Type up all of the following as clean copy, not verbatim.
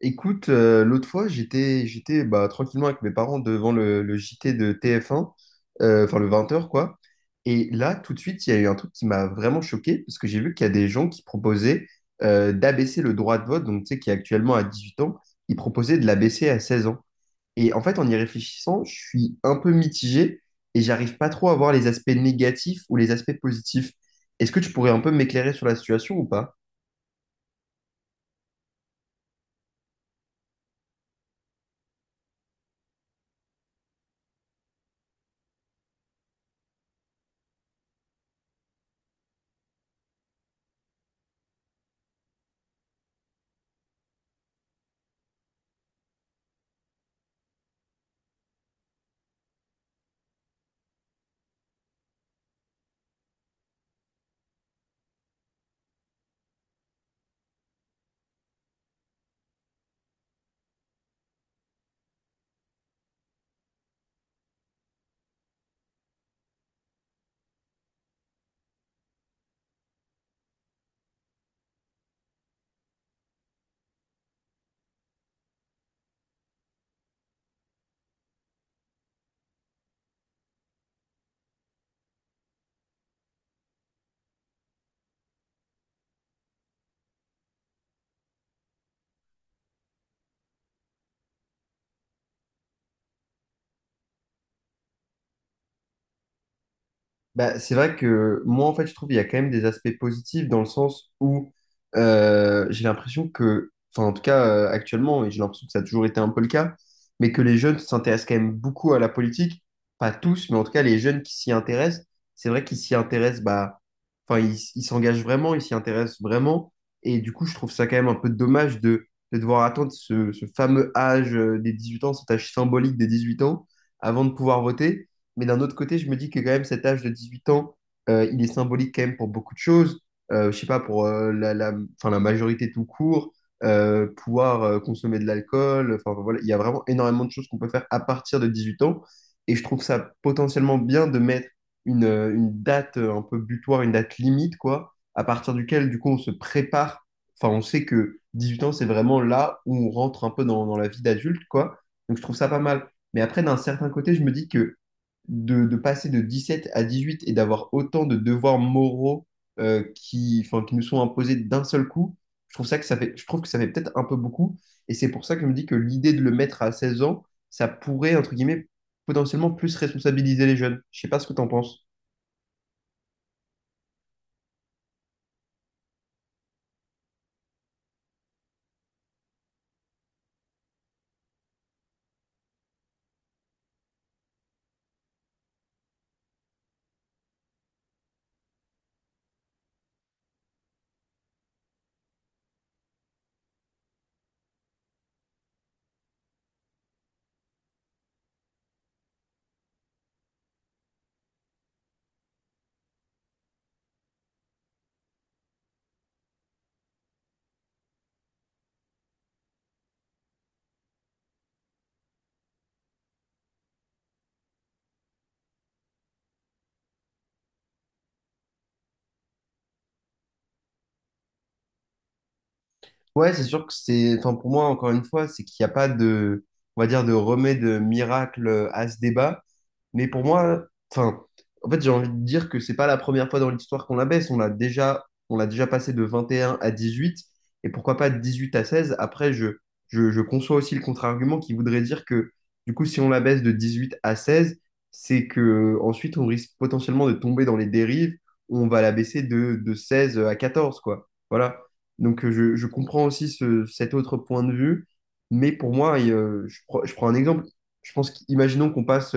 Écoute, l'autre fois, j'étais tranquillement avec mes parents devant le JT de TF1, enfin le 20 heures, quoi. Et là, tout de suite, il y a eu un truc qui m'a vraiment choqué, parce que j'ai vu qu'il y a des gens qui proposaient d'abaisser le droit de vote, donc tu sais, qui est actuellement à 18 ans, ils proposaient de l'abaisser à 16 ans. Et en fait, en y réfléchissant, je suis un peu mitigé et j'arrive pas trop à voir les aspects négatifs ou les aspects positifs. Est-ce que tu pourrais un peu m'éclairer sur la situation ou pas? Bah, c'est vrai que moi, en fait, je trouve qu'il y a quand même des aspects positifs dans le sens où j'ai l'impression que, enfin, en tout cas, actuellement, et j'ai l'impression que ça a toujours été un peu le cas, mais que les jeunes s'intéressent quand même beaucoup à la politique. Pas tous, mais en tout cas, les jeunes qui s'y intéressent, c'est vrai qu'ils s'y intéressent, bah, enfin, ils s'engagent vraiment, ils s'y intéressent vraiment. Et du coup, je trouve ça quand même un peu dommage de devoir attendre ce fameux âge des 18 ans, cet âge symbolique des 18 ans, avant de pouvoir voter. Mais d'un autre côté, je me dis que quand même cet âge de 18 ans, il est symbolique quand même pour beaucoup de choses. Je sais pas, pour enfin, la majorité tout court, pouvoir consommer de l'alcool. Enfin, voilà, il y a vraiment énormément de choses qu'on peut faire à partir de 18 ans. Et je trouve ça potentiellement bien de mettre une date un peu butoir, une date limite, quoi, à partir duquel, du coup, on se prépare. Enfin, on sait que 18 ans, c'est vraiment là où on rentre un peu dans la vie d'adulte, quoi. Donc je trouve ça pas mal. Mais après, d'un certain côté, je me dis que de passer de 17 à 18 et d'avoir autant de devoirs moraux enfin, qui nous sont imposés d'un seul coup, je trouve que ça fait peut-être un peu beaucoup. Et c'est pour ça que je me dis que l'idée de le mettre à 16 ans, ça pourrait, entre guillemets, potentiellement plus responsabiliser les jeunes. Je sais pas ce que t'en penses. Ouais, c'est sûr que c'est, enfin, pour moi, encore une fois, c'est qu'il n'y a pas de, on va dire, de remède miracle à ce débat. Mais pour moi, enfin, en fait, j'ai envie de dire que c'est pas la première fois dans l'histoire qu'on la baisse. On l'a déjà passé de 21 à 18, et pourquoi pas de 18 à 16. Après, je conçois aussi le contre-argument qui voudrait dire que, du coup, si on la baisse de 18 à 16, c'est que ensuite on risque potentiellement de tomber dans les dérives où on va la baisser de 16 à 14, quoi. Voilà. Donc, je comprends aussi ce- cet autre point de vue, mais pour moi, je prends un exemple. Je pense qu'imaginons qu'on passe.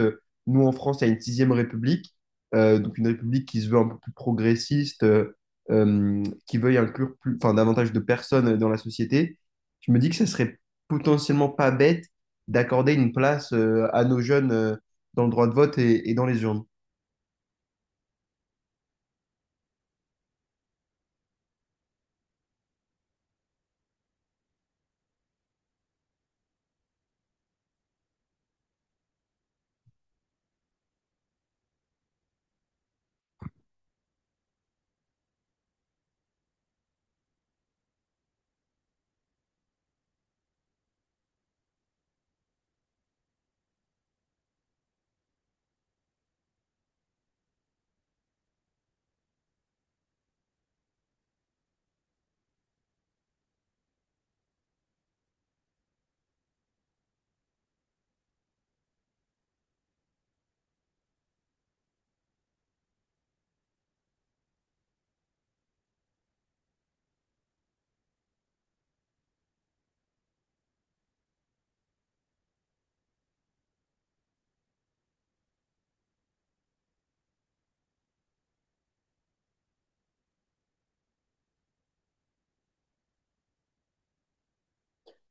Nous, en France, il y a une sixième république, donc une république qui se veut un peu plus progressiste, euh, qui veuille inclure plus, enfin, davantage de personnes dans la société. Je me dis que ça serait potentiellement pas bête d'accorder une place à nos jeunes dans le droit de vote et dans les urnes.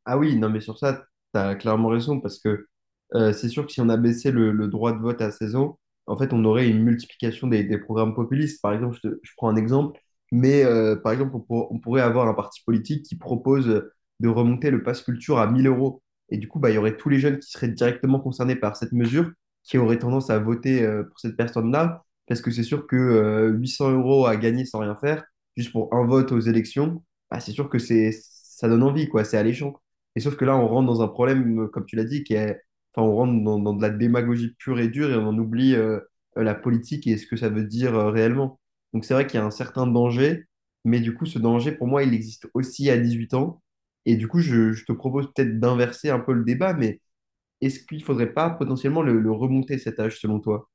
Ah oui, non, mais sur ça, tu as clairement raison, parce que c'est sûr que si on abaissait le droit de vote à 16 ans, en fait, on aurait une multiplication des programmes populistes. Par exemple, je prends un exemple, mais par exemple, on pourrait avoir un parti politique qui propose de remonter le pass culture à 1000 euros. Et du coup, bah, il y aurait tous les jeunes qui seraient directement concernés par cette mesure, qui auraient tendance à voter pour cette personne-là, parce que c'est sûr que 800 euros à gagner sans rien faire, juste pour un vote aux élections, bah, c'est sûr que c'est, ça donne envie, quoi, c'est alléchant. Et sauf que là, on rentre dans un problème, comme tu l'as dit, qui est, enfin, on rentre dans de la démagogie pure et dure et on en oublie la politique et ce que ça veut dire réellement. Donc c'est vrai qu'il y a un certain danger, mais du coup, ce danger, pour moi, il existe aussi à 18 ans. Et du coup, je te propose peut-être d'inverser un peu le débat, mais est-ce qu'il ne faudrait pas potentiellement le remonter cet âge selon toi?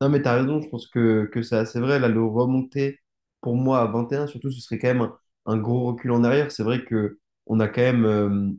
Non, mais t'as raison, je pense que ça, c'est vrai, là, le remonter pour moi à 21, surtout, ce serait quand même un gros recul en arrière. C'est vrai que on a quand même,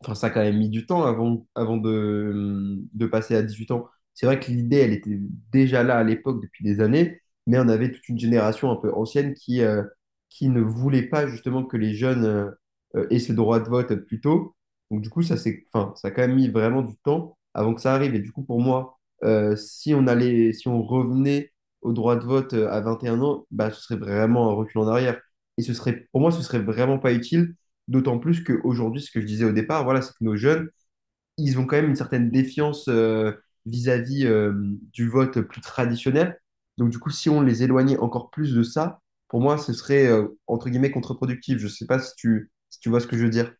enfin, ça a quand même mis du temps avant de passer à 18 ans. C'est vrai que l'idée, elle était déjà là à l'époque depuis des années, mais on avait toute une génération un peu ancienne qui ne voulait pas justement que les jeunes aient ce droit de vote plus tôt. Donc du coup, ça, c'est, enfin, ça a quand même mis vraiment du temps avant que ça arrive. Et du coup, pour moi, si on allait, si on revenait au droit de vote à 21 ans, bah, ce serait vraiment un recul en arrière. Et ce serait, pour moi, ce serait vraiment pas utile. D'autant plus qu'aujourd'hui, ce que je disais au départ, voilà, c'est que nos jeunes, ils ont quand même une certaine défiance vis-à-vis du vote plus traditionnel. Donc du coup, si on les éloignait encore plus de ça, pour moi, ce serait entre guillemets contre-productif. Je ne sais pas si si tu vois ce que je veux dire.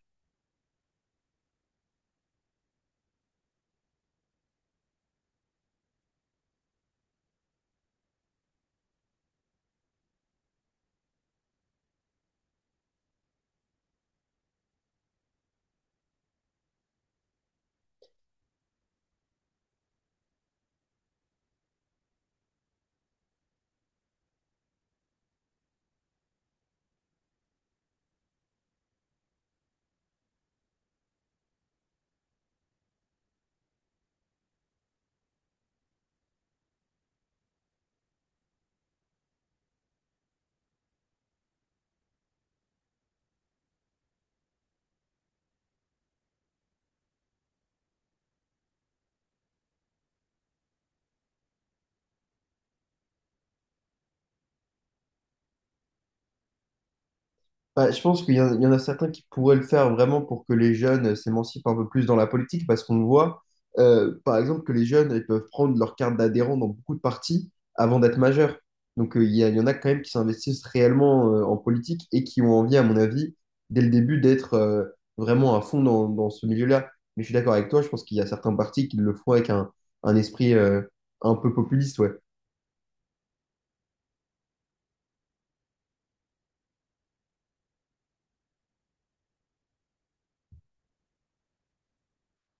Bah, je pense qu'il y, en il y en a certains qui pourraient le faire vraiment pour que les jeunes s'émancipent un peu plus dans la politique, parce qu'on voit, par exemple, que les jeunes ils peuvent prendre leur carte d'adhérent dans beaucoup de partis avant d'être majeurs. Donc, il y en a quand même qui s'investissent réellement en politique et qui ont envie, à mon avis, dès le début, d'être vraiment à fond dans ce milieu-là. Mais je suis d'accord avec toi, je pense qu'il y a certains partis qui le font avec un esprit un peu populiste, ouais.